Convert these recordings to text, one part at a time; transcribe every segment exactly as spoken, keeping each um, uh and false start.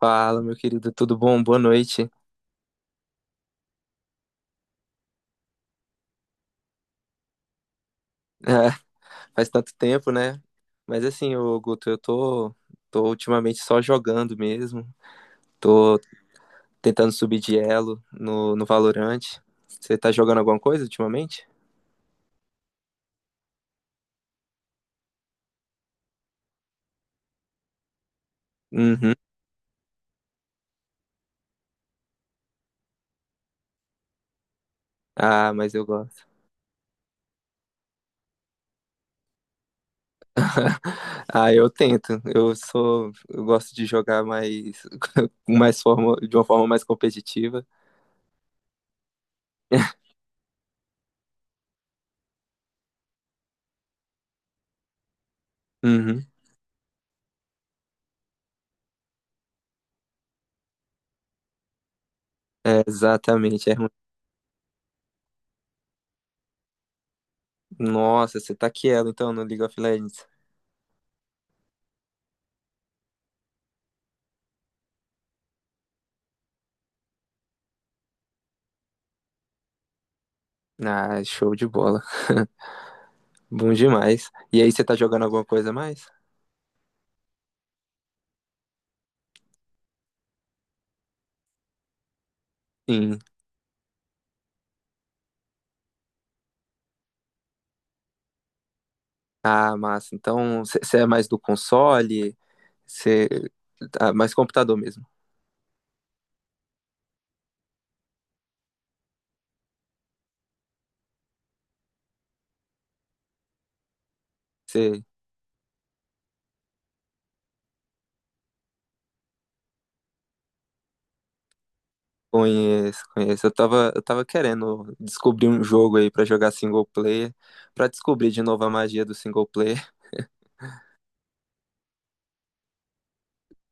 Fala, meu querido, tudo bom? Boa noite. É, faz tanto tempo, né? Mas assim, ô Guto, eu tô, tô ultimamente só jogando mesmo. Tô tentando subir de elo no, no Valorant. Você tá jogando alguma coisa ultimamente? Uhum. Ah, mas eu gosto. Ah, eu tento. Eu sou, eu gosto de jogar mais, mais forma, de uma forma mais competitiva. Uhum. É, exatamente. É ruim. Nossa, você tá quielo então no League of Legends. Ah, show de bola. Bom demais. E aí, você tá jogando alguma coisa a mais? Sim. Ah, massa. Então, você é mais do console? Você. Ah, mais computador mesmo. Você conhece, conhece. Eu tava, eu tava querendo descobrir um jogo aí pra jogar single player, pra descobrir de novo a magia do single player.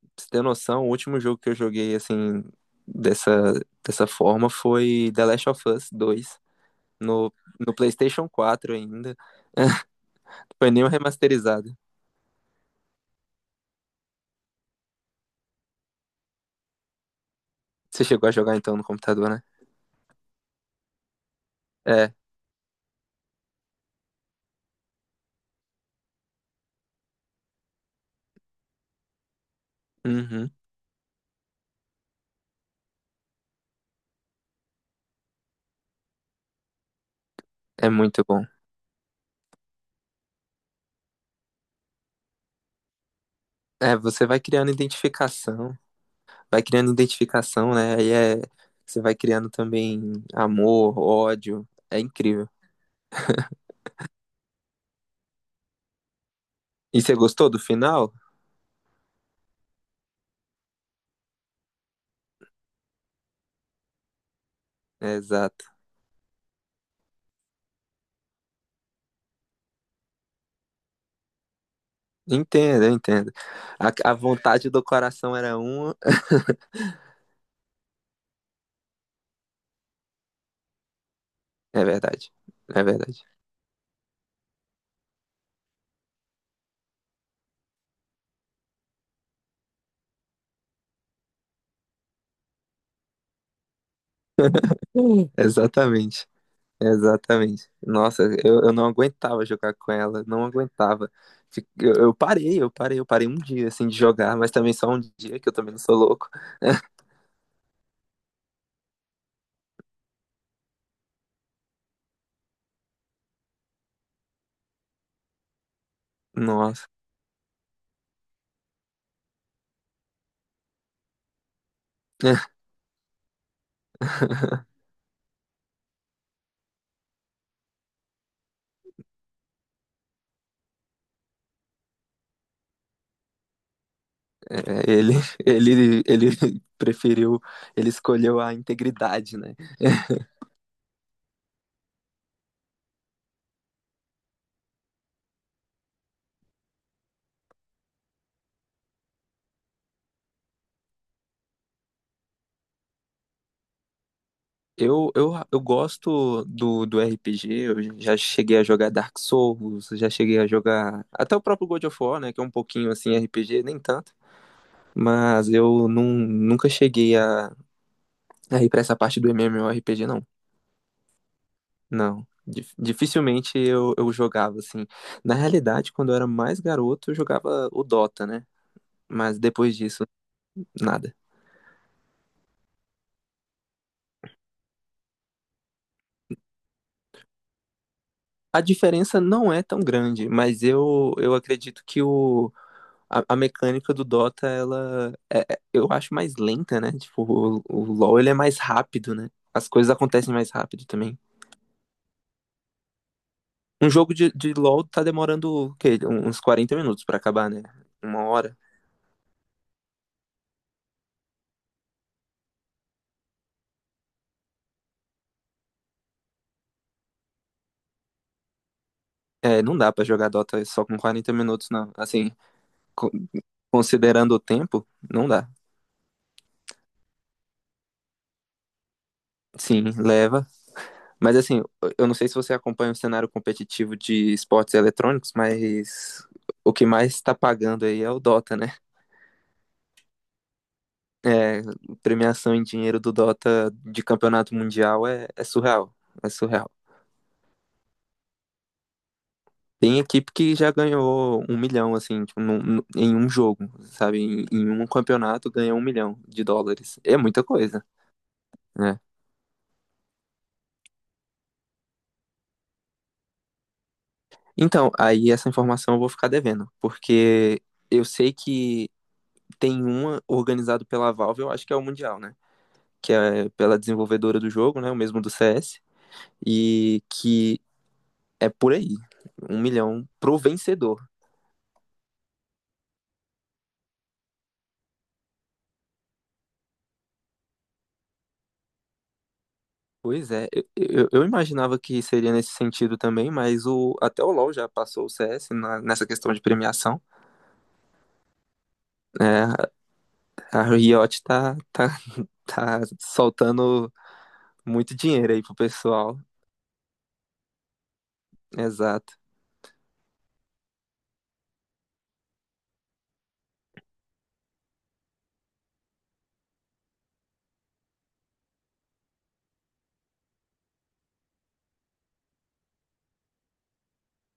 Pra você ter noção, o último jogo que eu joguei assim, dessa, dessa forma foi The Last of Us dois, no, no PlayStation quatro ainda. Foi nem o remasterizado. Você chegou a jogar então no computador, né? É. Uhum. É muito bom. É, você vai criando identificação, vai criando identificação, né? Aí é, você vai criando também amor, ódio. É incrível. E você gostou do final? É, exato. Entendo, eu entendo. A, a vontade do coração era uma. É verdade. É verdade. Hum. Exatamente. Exatamente. Nossa, eu, eu não aguentava jogar com ela, não aguentava. Fi- Eu, eu parei, eu parei, eu parei um dia assim de jogar, mas também só um dia, que eu também não sou louco. Nossa. É, ele, ele, ele preferiu, ele escolheu a integridade, né? Eu, eu, eu gosto do, do R P G, eu já cheguei a jogar Dark Souls, já cheguei a jogar até o próprio God of War, né, que é um pouquinho assim R P G, nem tanto, mas eu nun- nunca cheguei a, aí pra essa parte do M M O R P G, não. Não. Dif- Dificilmente eu, eu jogava, assim. Na realidade, quando eu era mais garoto, eu jogava o Dota, né? Mas depois disso, nada. A diferença não é tão grande, mas eu, eu acredito que o, a, a mecânica do Dota, ela é, é- eu acho mais lenta, né? Tipo, o, o LoL ele é mais rápido, né? As coisas acontecem mais rápido também. Um jogo de, de LoL tá demorando o quê? Uns quarenta minutos pra acabar, né? Uma hora. É, não dá pra jogar Dota só com quarenta minutos, não. Assim, co- considerando o tempo, não dá. Sim, leva. Mas assim, eu não sei se você acompanha o cenário competitivo de esportes eletrônicos, mas o que mais tá pagando aí é o Dota, né? É, premiação em dinheiro do Dota de campeonato mundial é, é surreal. É surreal. Tem equipe que já ganhou um milhão, assim, tipo, num- num- em um jogo, sabe? Em, em um campeonato ganha um milhão de dólares. É muita coisa, né? Então, aí essa informação eu vou ficar devendo, porque eu sei que tem uma organizado pela Valve, eu acho que é o Mundial, né? Que é pela desenvolvedora do jogo, né? O mesmo do C S, e que é por aí, um milhão pro vencedor. Pois é, eu, eu- eu imaginava que seria nesse sentido também, mas o, até o LoL já passou o C S na- nessa questão de premiação, né? A a Riot tá, tá, tá soltando muito dinheiro aí pro pessoal. Exato,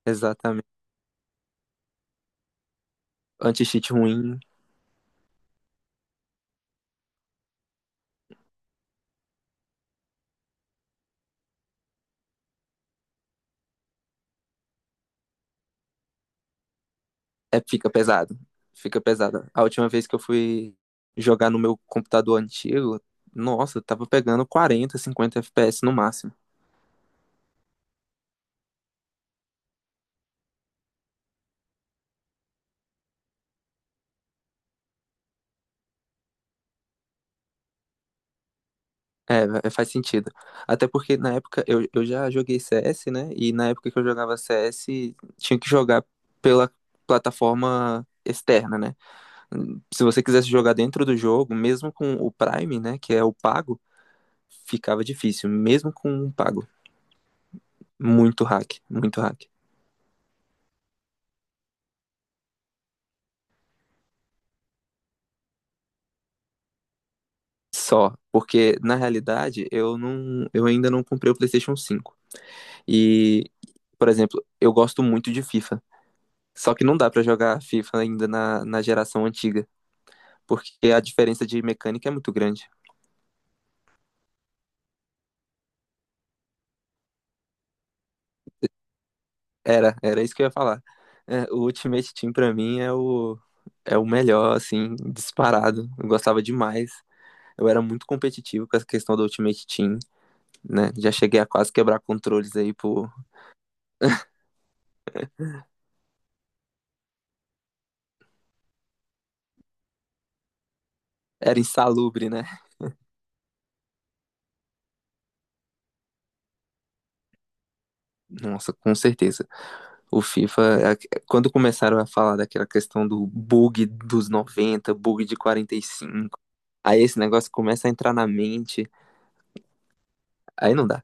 exatamente. Anti-cheat ruim. É, fica pesado. Fica pesado. A última vez que eu fui jogar no meu computador antigo, nossa, eu tava pegando quarenta, cinquenta F P S no máximo. É, va- faz sentido. Até porque na época eu, eu já joguei C S, né? E na época que eu jogava C S, tinha que jogar pela plataforma externa, né? Se você quisesse jogar dentro do jogo, mesmo com o Prime, né? Que é o pago, ficava difícil. Mesmo com o pago. Muito hack, muito hack. Só, porque na realidade eu não, eu ainda não comprei o PlayStation cinco. E, por exemplo, eu gosto muito de FIFA. Só que não dá pra jogar FIFA ainda na, na geração antiga, porque a diferença de mecânica é muito grande. Era, era isso que eu ia falar. É, o Ultimate Team pra mim é o é o melhor assim, disparado. Eu gostava demais. Eu era muito competitivo com essa questão do Ultimate Team, né? Já cheguei a quase quebrar controles aí por era insalubre, né? Nossa, com certeza. O FIFA, a- Quando começaram a falar daquela questão do bug dos noventa, bug de quarenta e cinco, aí esse negócio começa a entrar na mente, aí não dá.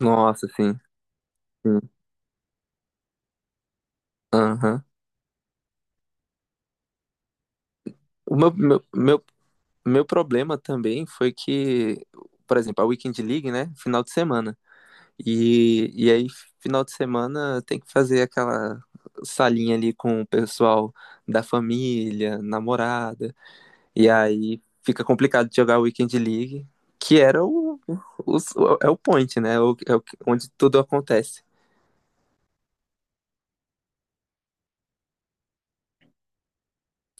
Nossa, sim. Sim. Aham. O meu, meu, meu, meu problema também foi que, por exemplo, a Weekend League, né? Final de semana. E, e aí, final de semana, tem que fazer aquela salinha ali com o pessoal da família, namorada. E aí fica complicado de jogar Weekend League, que era o, o, o- é o point, né? É O, é o, onde tudo acontece.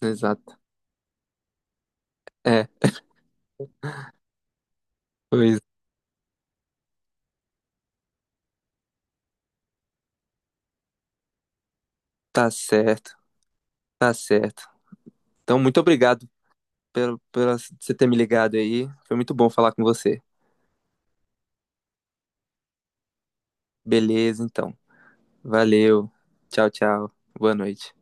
Exato. É, pois tá certo, tá certo. Então, muito obrigado pelo, pela você ter me ligado aí. Foi muito bom falar com você. Beleza, então. Valeu. Tchau, tchau. Boa noite.